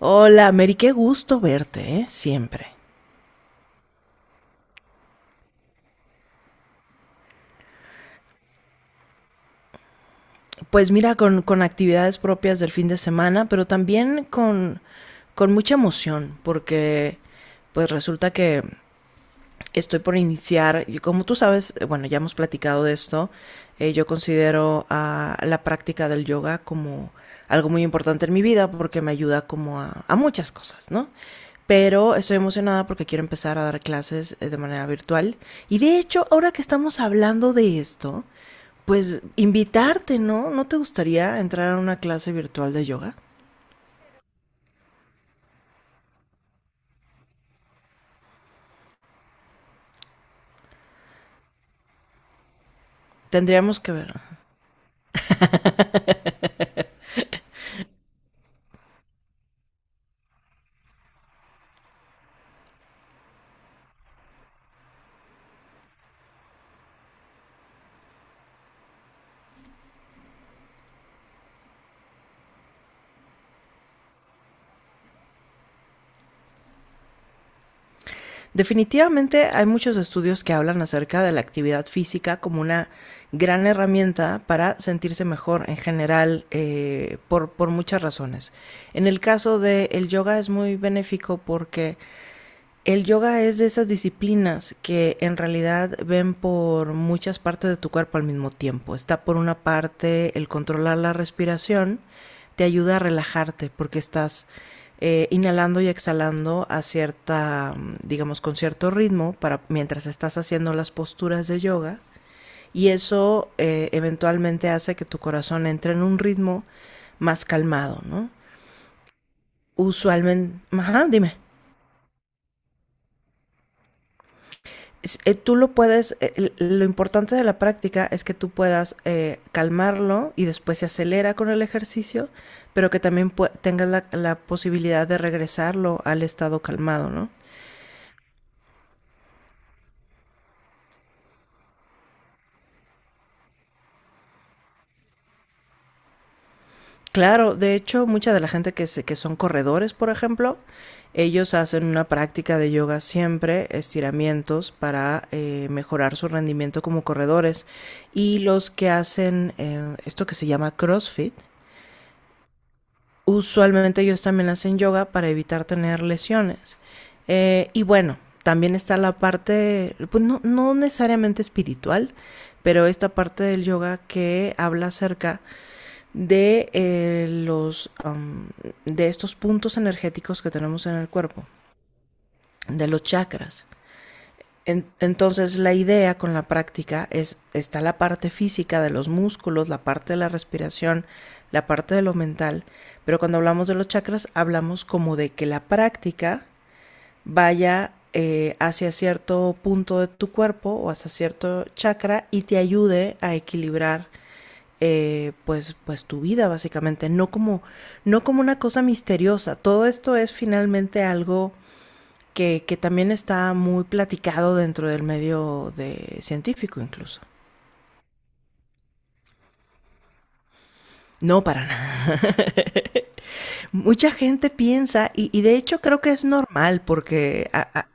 Hola, Mary, qué gusto verte, ¿eh? Siempre. Pues mira, con actividades propias del fin de semana, pero también con mucha emoción, porque pues resulta que estoy por iniciar, y como tú sabes, bueno, ya hemos platicado de esto, yo considero a la práctica del yoga como algo muy importante en mi vida porque me ayuda como a muchas cosas, ¿no? Pero estoy emocionada porque quiero empezar a dar clases, de manera virtual. Y de hecho, ahora que estamos hablando de esto, pues invitarte, ¿no? ¿No te gustaría entrar a una clase virtual de yoga? Tendríamos que ver. Definitivamente hay muchos estudios que hablan acerca de la actividad física como una gran herramienta para sentirse mejor en general, por muchas razones. En el caso del yoga es muy benéfico porque el yoga es de esas disciplinas que en realidad ven por muchas partes de tu cuerpo al mismo tiempo. Está, por una parte, el controlar la respiración, te ayuda a relajarte porque estás, inhalando y exhalando a cierta, digamos, con cierto ritmo para mientras estás haciendo las posturas de yoga, y eso eventualmente hace que tu corazón entre en un ritmo más calmado, ¿no? Usualmente, ajá, dime. Lo importante de la práctica es que tú puedas, calmarlo, y después se acelera con el ejercicio, pero que también tengas la posibilidad de regresarlo al estado calmado, ¿no? Claro, de hecho, mucha de la gente que son corredores, por ejemplo, ellos hacen una práctica de yoga siempre, estiramientos para mejorar su rendimiento como corredores. Y los que hacen, esto que se llama CrossFit, usualmente ellos también hacen yoga para evitar tener lesiones. Y bueno, también está la parte, pues, no, no necesariamente espiritual, pero esta parte del yoga que habla acerca de eh, los um, de estos puntos energéticos que tenemos en el cuerpo, de los chakras. Entonces, la idea con la práctica es, está la parte física de los músculos, la parte de la respiración, la parte de lo mental, pero cuando hablamos de los chakras hablamos como de que la práctica vaya, hacia cierto punto de tu cuerpo o hacia cierto chakra, y te ayude a equilibrar, pues tu vida básicamente. No como una cosa misteriosa; todo esto es finalmente algo que también está muy platicado dentro del medio de científico, incluso. No, para nada. Mucha gente piensa, y de hecho creo que es normal,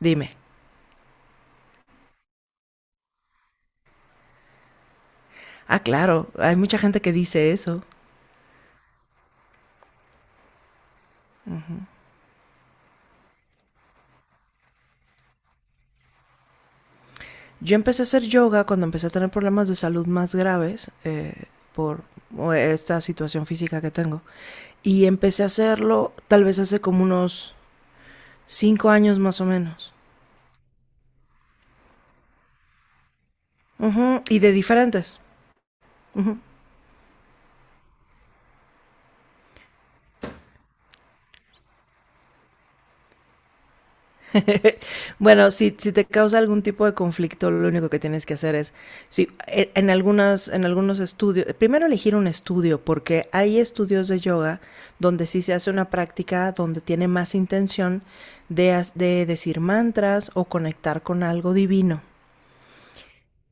dime. Ah, claro, hay mucha gente que dice eso. Ujú. Yo empecé a hacer yoga cuando empecé a tener problemas de salud más graves, por esta situación física que tengo. Y empecé a hacerlo tal vez hace como unos 5 años, más o menos. Ujú. Y de diferentes. Ujú. Bueno, si, si te causa algún tipo de conflicto, lo único que tienes que hacer es, si, e- en, algunas, en algunos estudios, primero elegir un estudio, porque hay estudios de yoga donde sí se hace una práctica donde tiene más intención de decir mantras o conectar con algo divino.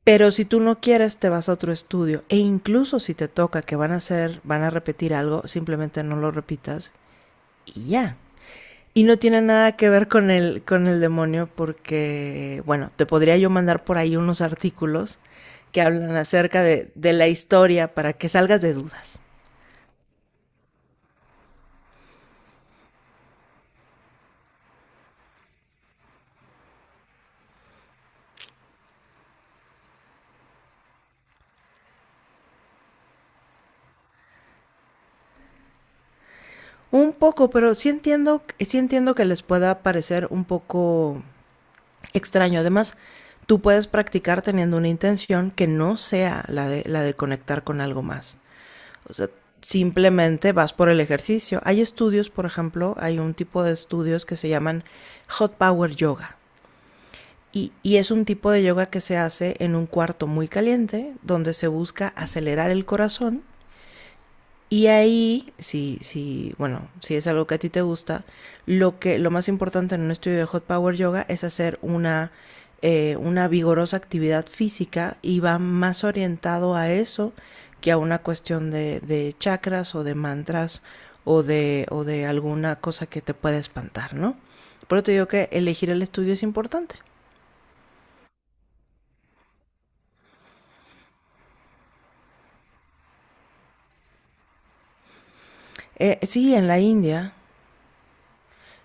Pero si tú no quieres, te vas a otro estudio. E incluso si te toca que van a hacer, van a repetir algo, simplemente no lo repitas y ya. Y no tiene nada que ver con el demonio porque, bueno, te podría yo mandar por ahí unos artículos que hablan acerca de la historia para que salgas de dudas. Un poco, pero sí entiendo que les pueda parecer un poco extraño. Además, tú puedes practicar teniendo una intención que no sea la de conectar con algo más. O sea, simplemente vas por el ejercicio. Hay estudios, por ejemplo, hay un tipo de estudios que se llaman Hot Power Yoga. Y es un tipo de yoga que se hace en un cuarto muy caliente, donde se busca acelerar el corazón. Y ahí, si, si, bueno, si es algo que a ti te gusta, lo que, lo más importante en un estudio de Hot Power Yoga es hacer una vigorosa actividad física, y va más orientado a eso que a una cuestión de chakras o de mantras, o de alguna cosa que te pueda espantar, ¿no? Por eso te digo que elegir el estudio es importante. Sí, en la India.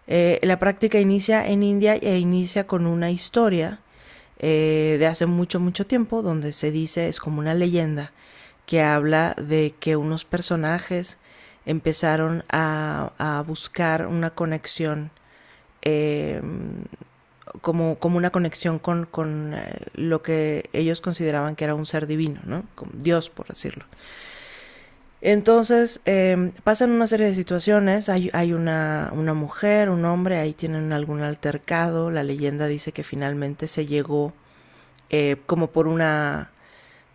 La práctica inicia en India e inicia con una historia, de hace mucho, mucho tiempo, donde se dice, es como una leyenda, que habla de que unos personajes empezaron a buscar una conexión, eh, como una conexión con lo que ellos consideraban que era un ser divino, ¿no? Con Dios, por decirlo. Entonces, pasan una serie de situaciones; hay una mujer, un hombre, ahí tienen algún altercado, la leyenda dice que finalmente se llegó, como por una,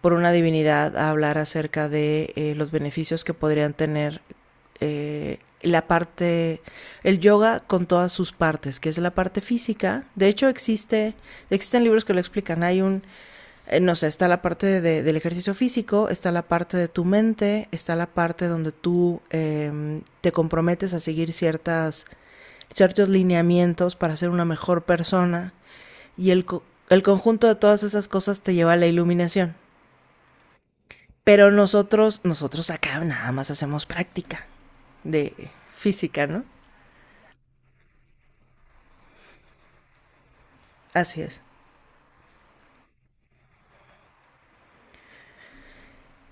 por una divinidad, a hablar acerca de, los beneficios que podrían tener, eh, la parte, el yoga con todas sus partes, que es la parte física. De hecho, existen libros que lo explican. Hay un, no sé, está la parte del ejercicio físico, está la parte de tu mente, está la parte donde tú, te comprometes a seguir ciertos lineamientos para ser una mejor persona, y el conjunto de todas esas cosas te lleva a la iluminación. Pero nosotros acá nada más hacemos práctica de física, ¿no? Así es.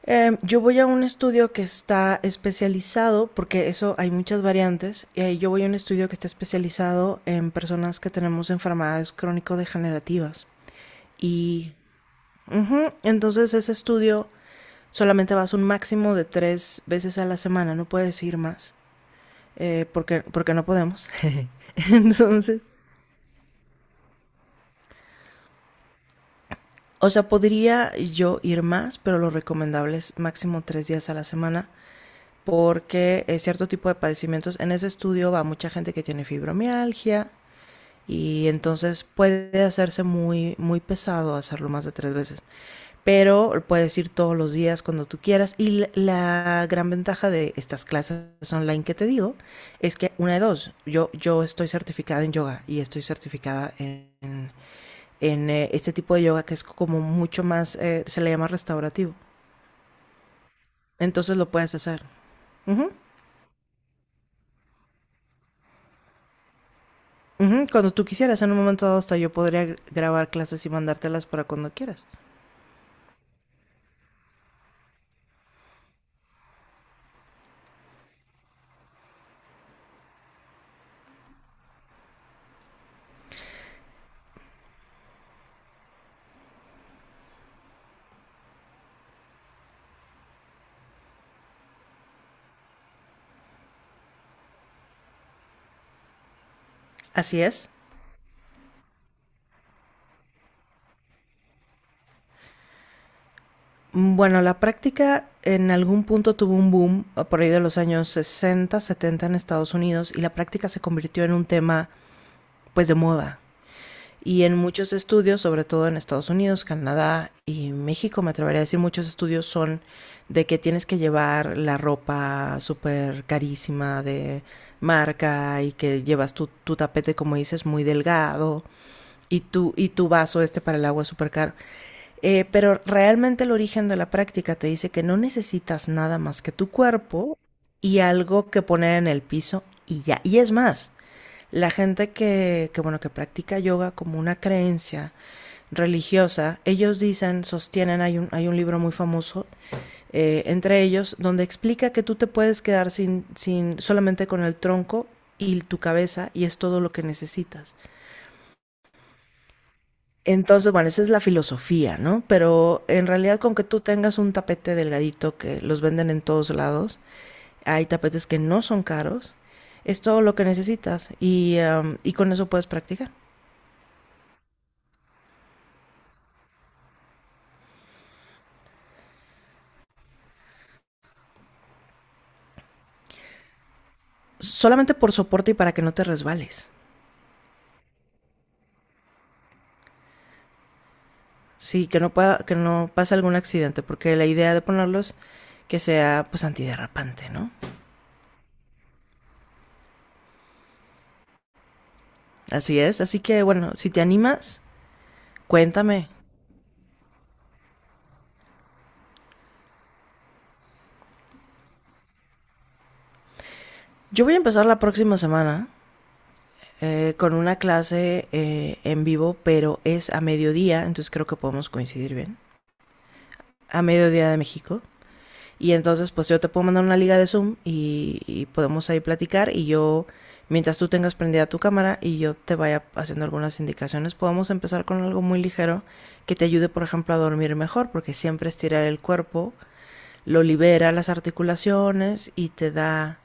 Yo voy a un estudio que está especializado, porque eso hay muchas variantes, yo voy a un estudio que está especializado en personas que tenemos enfermedades crónico-degenerativas. Y ujú, entonces ese estudio solamente vas un máximo de 3 veces a la semana, no puedes ir más, porque no podemos. Entonces, o sea, podría yo ir más, pero lo recomendable es máximo 3 días a la semana, porque es cierto tipo de padecimientos. En ese estudio va mucha gente que tiene fibromialgia, y entonces puede hacerse muy, muy pesado hacerlo más de 3 veces, pero puedes ir todos los días cuando tú quieras. Y la gran ventaja de estas clases online que te digo es que una de dos: yo, estoy certificada en yoga y estoy certificada en este tipo de yoga que es como mucho más, se le llama restaurativo, entonces lo puedes hacer. Uh -huh. Ujú. Cuando tú quisieras, en un momento dado hasta yo podría grabar clases y mandártelas para cuando quieras. Así es. Bueno, la práctica en algún punto tuvo un boom, por ahí de los años 60, 70 en Estados Unidos, y la práctica se convirtió en un tema pues de moda. Y en muchos estudios, sobre todo en Estados Unidos, Canadá y México, me atrevería a decir, muchos estudios son de que tienes que llevar la ropa súper carísima de marca, y que llevas tu tapete, como dices, muy delgado, y tu vaso este para el agua súper caro. Pero realmente el origen de la práctica te dice que no necesitas nada más que tu cuerpo y algo que poner en el piso y ya. Y es más, la gente bueno, que practica yoga como una creencia religiosa, ellos dicen, sostienen, hay un libro muy famoso, entre ellos, donde explica que tú te puedes quedar sin, sin, solamente con el tronco y tu cabeza, y es todo lo que necesitas. Entonces, bueno, esa es la filosofía, ¿no? Pero en realidad, con que tú tengas un tapete delgadito, que los venden en todos lados, hay tapetes que no son caros, es todo lo que necesitas, y con eso puedes practicar. Solamente por soporte y para que no te resbales. Sí, que no pase algún accidente, porque la idea de ponerlos que sea pues antiderrapante, ¿no? Así es, así que bueno, si te animas, cuéntame. Yo voy a empezar la próxima semana, con una clase, en vivo, pero es a mediodía, entonces creo que podemos coincidir bien. A mediodía de México. Y entonces, pues yo te puedo mandar una liga de Zoom, y podemos ahí platicar, y yo, mientras tú tengas prendida tu cámara y yo te vaya haciendo algunas indicaciones, podemos empezar con algo muy ligero que te ayude, por ejemplo, a dormir mejor, porque siempre estirar el cuerpo lo libera las articulaciones, y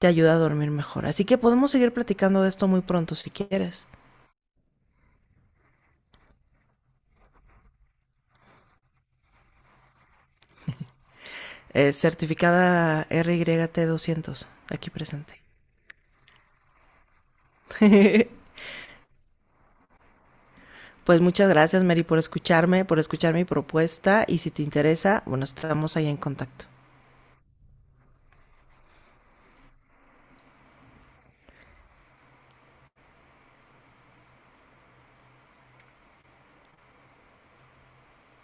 te ayuda a dormir mejor. Así que podemos seguir platicando de esto muy pronto si quieres. Certificada RYT 200, aquí presente. Pues muchas gracias, Mary, por escucharme, por escuchar mi propuesta. Y si te interesa, bueno, estamos ahí en contacto.